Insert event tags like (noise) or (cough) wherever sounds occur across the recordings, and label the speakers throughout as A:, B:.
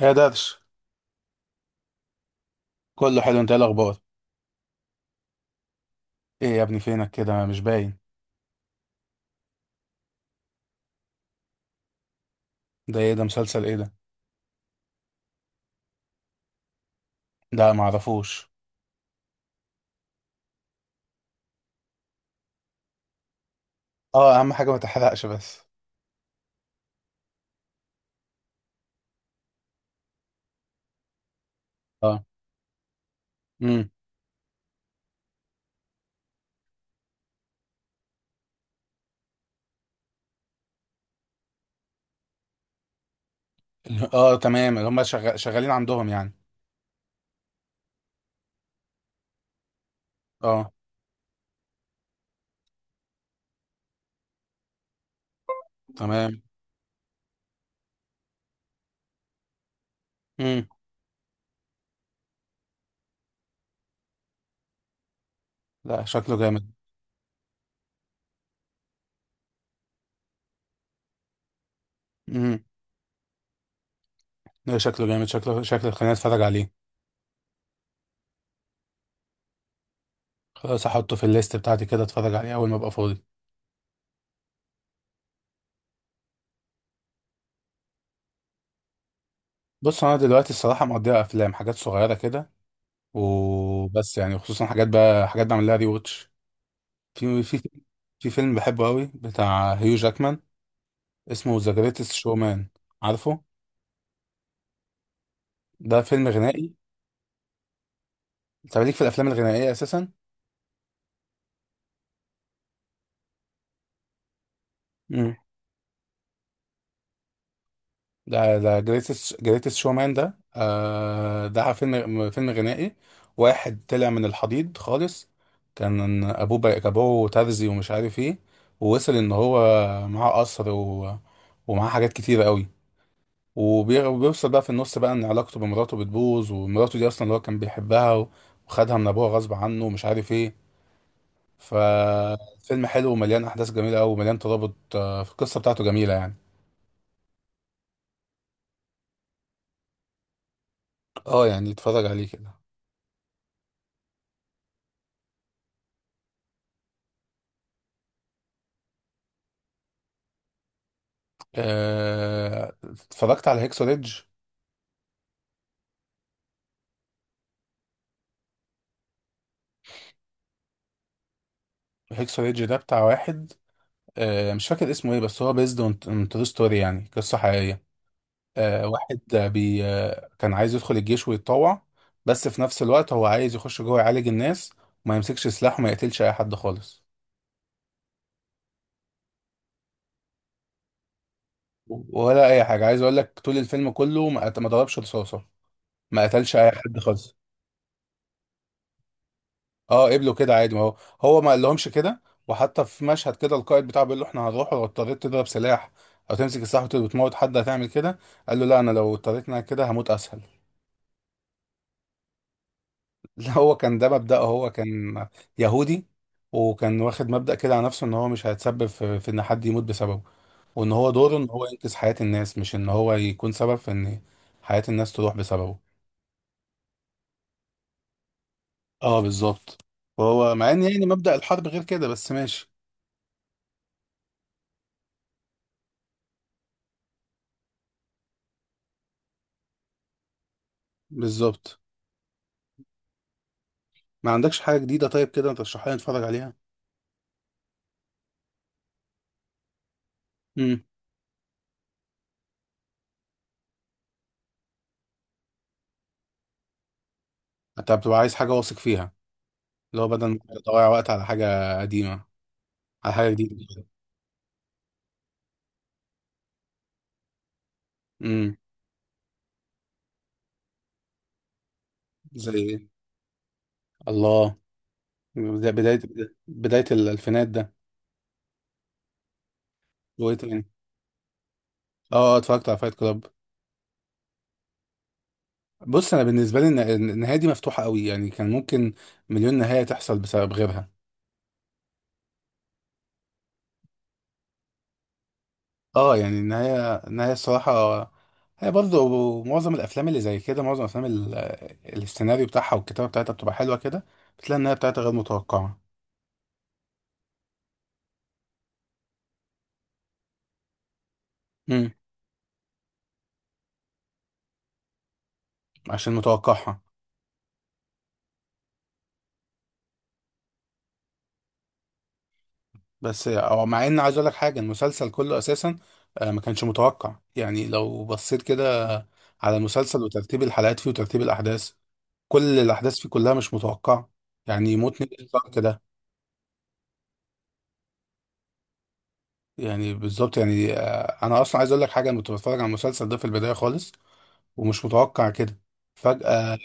A: يا درش، كله حلو. انت ايه الاخبار؟ ايه يا ابني؟ فينك كده مش باين؟ ده ايه ده؟ مسلسل ايه ده؟ ده معرفوش. اه، اهم حاجه ما تحرقش بس. اه. امم. (laughs) اه، تمام. اللي هم شغالين عندهم يعني. اه، تمام. امم. لا، شكله جامد. امم. لا، شكله جامد. شكله خليني اتفرج عليه. خلاص، احطه في الليست بتاعتي كده اتفرج عليه اول ما ابقى فاضي. بص، انا دلوقتي الصراحه مقضيها افلام حاجات صغيره كده وبس، يعني خصوصا حاجات بقى حاجات بعمل لها ري واتش. في في في فيلم بحبه قوي بتاع هيو جاكمان، اسمه ذا جريتست شومان، عارفه؟ ده فيلم غنائي. انت ليك في الافلام الغنائيه اساسا؟ امم. ده جريتست شومان ده، ده فيلم غنائي. واحد طلع من الحضيض خالص. كان ابوه بقى ابوه ترزي ومش عارف ايه. ووصل ان هو معاه قصر، ومعاه حاجات كتيره قوي. وبيوصل بقى في النص بقى ان علاقته بمراته بتبوظ، ومراته دي اصلا اللي هو كان بيحبها وخدها من ابوها غصب عنه ومش عارف ايه. ففيلم حلو ومليان احداث جميله قوي ومليان ترابط، في القصه بتاعته جميله يعني. اه، يعني اتفرج عليه كده. آه، اتفرجت على هيكسو ريدج. هيكسو ريدج ده بتاع واحد، مش فاكر اسمه ايه، بس هو بيزد اون ترو ستوري، يعني قصه حقيقيه. واحد آه، بي آه، كان عايز يدخل الجيش ويتطوع. بس في نفس الوقت هو عايز يخش جوه يعالج الناس وما يمسكش سلاح وما يقتلش اي حد خالص. ولا اي حاجه. عايز اقول لك، طول الفيلم كله ما ضربش رصاصه، ما قتلش اي حد خالص. اه قبله كده عادي. ما هو، هو ما قالهمش كده. وحتى في مشهد كده القائد بتاعه بيقول له احنا هنروح، لو اضطريت تضرب سلاح او تمسك السلاح وتموت حد، هتعمل كده؟ قال له لا، انا لو اضطريت إن أنا كده هموت اسهل. لا، هو كان ده مبدأه. هو كان يهودي، وكان واخد مبدأ كده على نفسه ان هو مش هيتسبب في ان حد يموت بسببه، وان هو دوره ان هو ينقذ حياة الناس، مش ان هو يكون سبب في ان حياة الناس تروح بسببه. اه بالظبط. وهو مع ان يعني مبدأ الحرب غير كده، بس ماشي. بالظبط. ما عندكش حاجة جديدة طيب كده ترشحها لي نتفرج عليها؟ امم. انت بتبقى عايز حاجة واثق فيها، اللي هو بدل ما تضيع وقت على حاجة قديمة، على حاجة جديدة. امم. زي ايه؟ الله. بدا- بداية بداية الألفينات ده. وإيه تاني؟ آه، آه، اتفرجت على فايت كلاب. بص، أنا بالنسبة لي النهاية دي مفتوحة قوي، يعني كان ممكن مليون نهاية تحصل بسبب غيرها. آه يعني النهاية الصراحة، هي برضه معظم الأفلام اللي زي كده، معظم الأفلام السيناريو بتاعها والكتابة بتاعتها بتبقى حلوة كده، بتلاقي النهاية بتاعتها غير متوقعة. امم. عشان متوقعها. بس هو مع ان عايز اقول لك حاجه، المسلسل كله اساسا ما كانش متوقع. يعني لو بصيت كده على المسلسل وترتيب الحلقات فيه وترتيب الاحداث، كل الاحداث فيه كلها مش متوقعه. يعني يموتني الاشتراك كده. يعني بالظبط. يعني انا اصلا عايز اقول لك حاجه، انا كنت بتفرج على المسلسل ده في البدايه خالص ومش متوقع كده فجاه.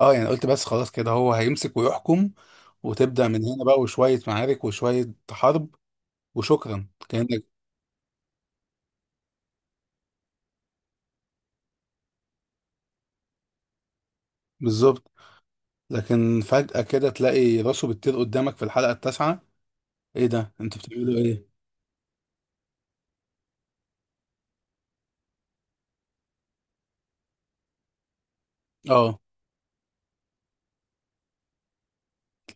A: اه يعني قلت بس خلاص كده هو هيمسك ويحكم، وتبدا من هنا بقى وشويه معارك وشويه حرب وشكرا كانك. بالظبط. لكن فجأة كده تلاقي راسه بتطير قدامك في الحلقة التاسعة. ايه ده؟ انتوا بتعملوا ايه؟ اه.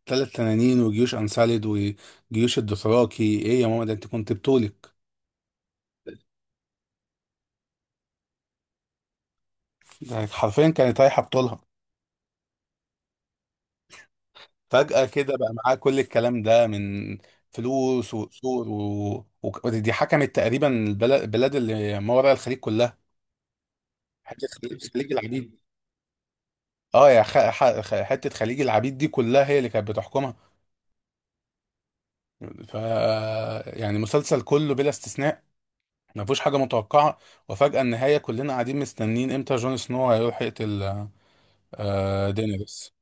A: ثلاث تنانين وجيوش انسالد وجيوش الدوثراكي! ايه يا ماما، ده انت كنت بطولك! ده حرفيا كانت رايحة بطولها. فجأة كده بقى معاه كل الكلام ده من فلوس وقصور، ودي حكمت تقريبا البلد، البلاد اللي ما وراء الخليج كلها. حتة خليج العبيد. اه، يا حتة خليج العبيد دي كلها هي اللي كانت بتحكمها. ف، يعني مسلسل كله بلا استثناء ما فيهوش حاجه متوقعه. وفجاه النهايه كلنا قاعدين مستنين امتى جون سنو هيروح يقتل دينيريس.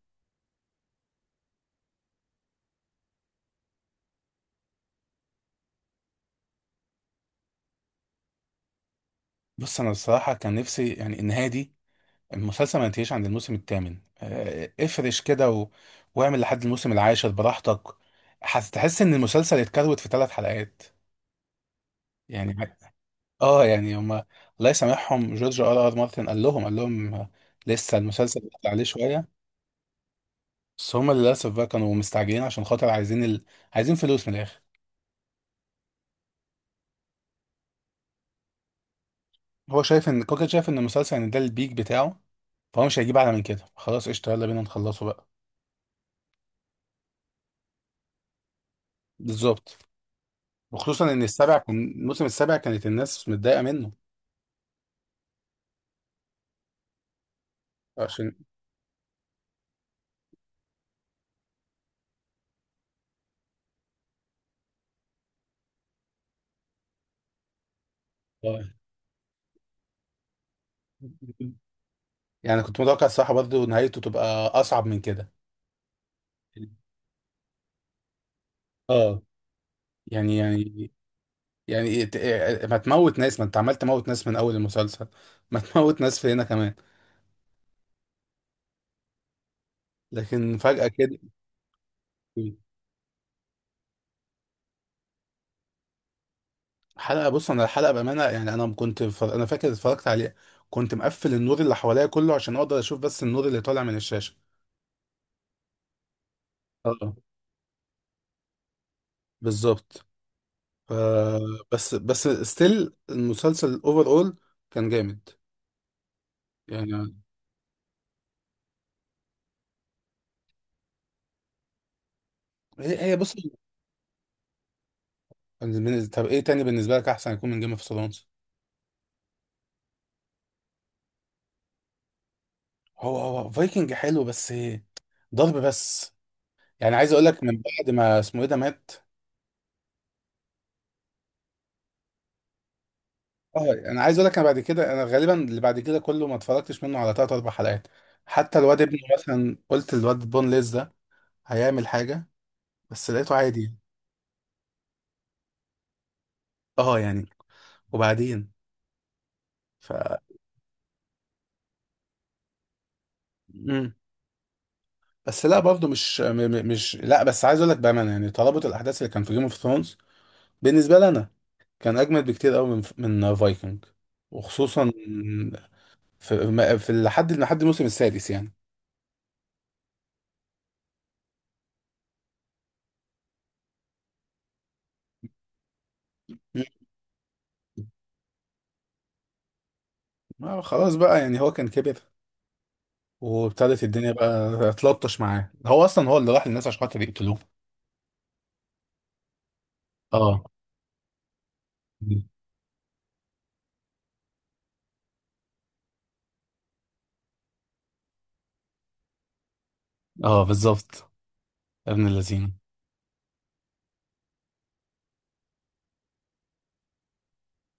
A: بص انا الصراحه كان نفسي يعني النهايه دي، المسلسل ما ينتهيش عند الموسم الثامن. افرش كده واعمل لحد الموسم العاشر براحتك. هتحس ان المسلسل اتكروت في ثلاث حلقات، يعني. اه يعني هما الله يسامحهم. جورج R.R. مارتن قال لهم لسه المسلسل عليه شويه. بس هما للاسف بقى كانوا مستعجلين عشان خاطر عايزين عايزين فلوس من الاخر. هو شايف ان كوكا شايف ان المسلسل ان ده البيك بتاعه، فهو مش هيجيب اعلى من كده. خلاص قشطه، يلا بينا نخلصه بقى. بالظبط. وخصوصا ان السابع كان، الموسم السابع كانت الناس متضايقه منه. عشان آه. يعني كنت متوقع الصراحه برضه نهايته تبقى اصعب من كده. اه يعني يعني يعني إيه ما تموت ناس؟ ما انت عمال تموت ناس من اول المسلسل، ما تموت ناس في هنا كمان. لكن فجأة كده حلقة، بص انا الحلقة بأمانة، يعني انا كنت انا فاكر اتفرجت عليها كنت مقفل النور اللي حواليا كله عشان اقدر اشوف بس النور اللي طالع من الشاشة. اه بالظبط. ف... بس ستيل المسلسل اوفر اول كان جامد. يعني هي بص. طب ايه تاني بالنسبة لك احسن يكون من جيم اوف ثرونز؟ هو فايكنج حلو، بس ضرب بس. يعني عايز اقول لك من بعد ما اسمه ايه ده مات. اه انا عايز اقول لك، انا بعد كده انا غالبا اللي بعد كده كله ما اتفرجتش منه على تلات اربع حلقات. حتى الواد ابني مثلا قلت الواد بون ليز ده هيعمل حاجه، بس لقيته عادي يعني. اه يعني وبعدين ف. مم. بس لا برضه مش م- م- مش لا، بس عايز اقول لك بامانه، يعني ترابط الاحداث اللي كان في جيم اوف ثرونز بالنسبه لي انا كان اجمد بكتير قوي من فايكنج، وخصوصا في لحد الموسم السادس يعني. مم. آه خلاص بقى، يعني هو كان كبر، وابتدت الدنيا بقى تلطش معاه. هو اصلا هو اللي راح للناس عشان خاطر يقتلوه. اه. اه بالظبط. ابن اللذين.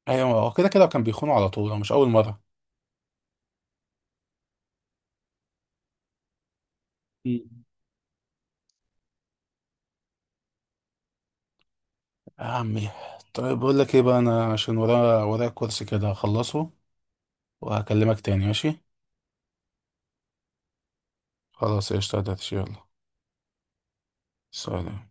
A: ايوه، هو كده كده كان بيخونه على طول. هو مش اول مره. مم. يا عمي. طيب بقول لك ايه بقى، انا عشان ورايا كورس كده هخلصه وهكلمك تاني، ماشي؟ خلاص قشطة يا دردش، يلا. سلام.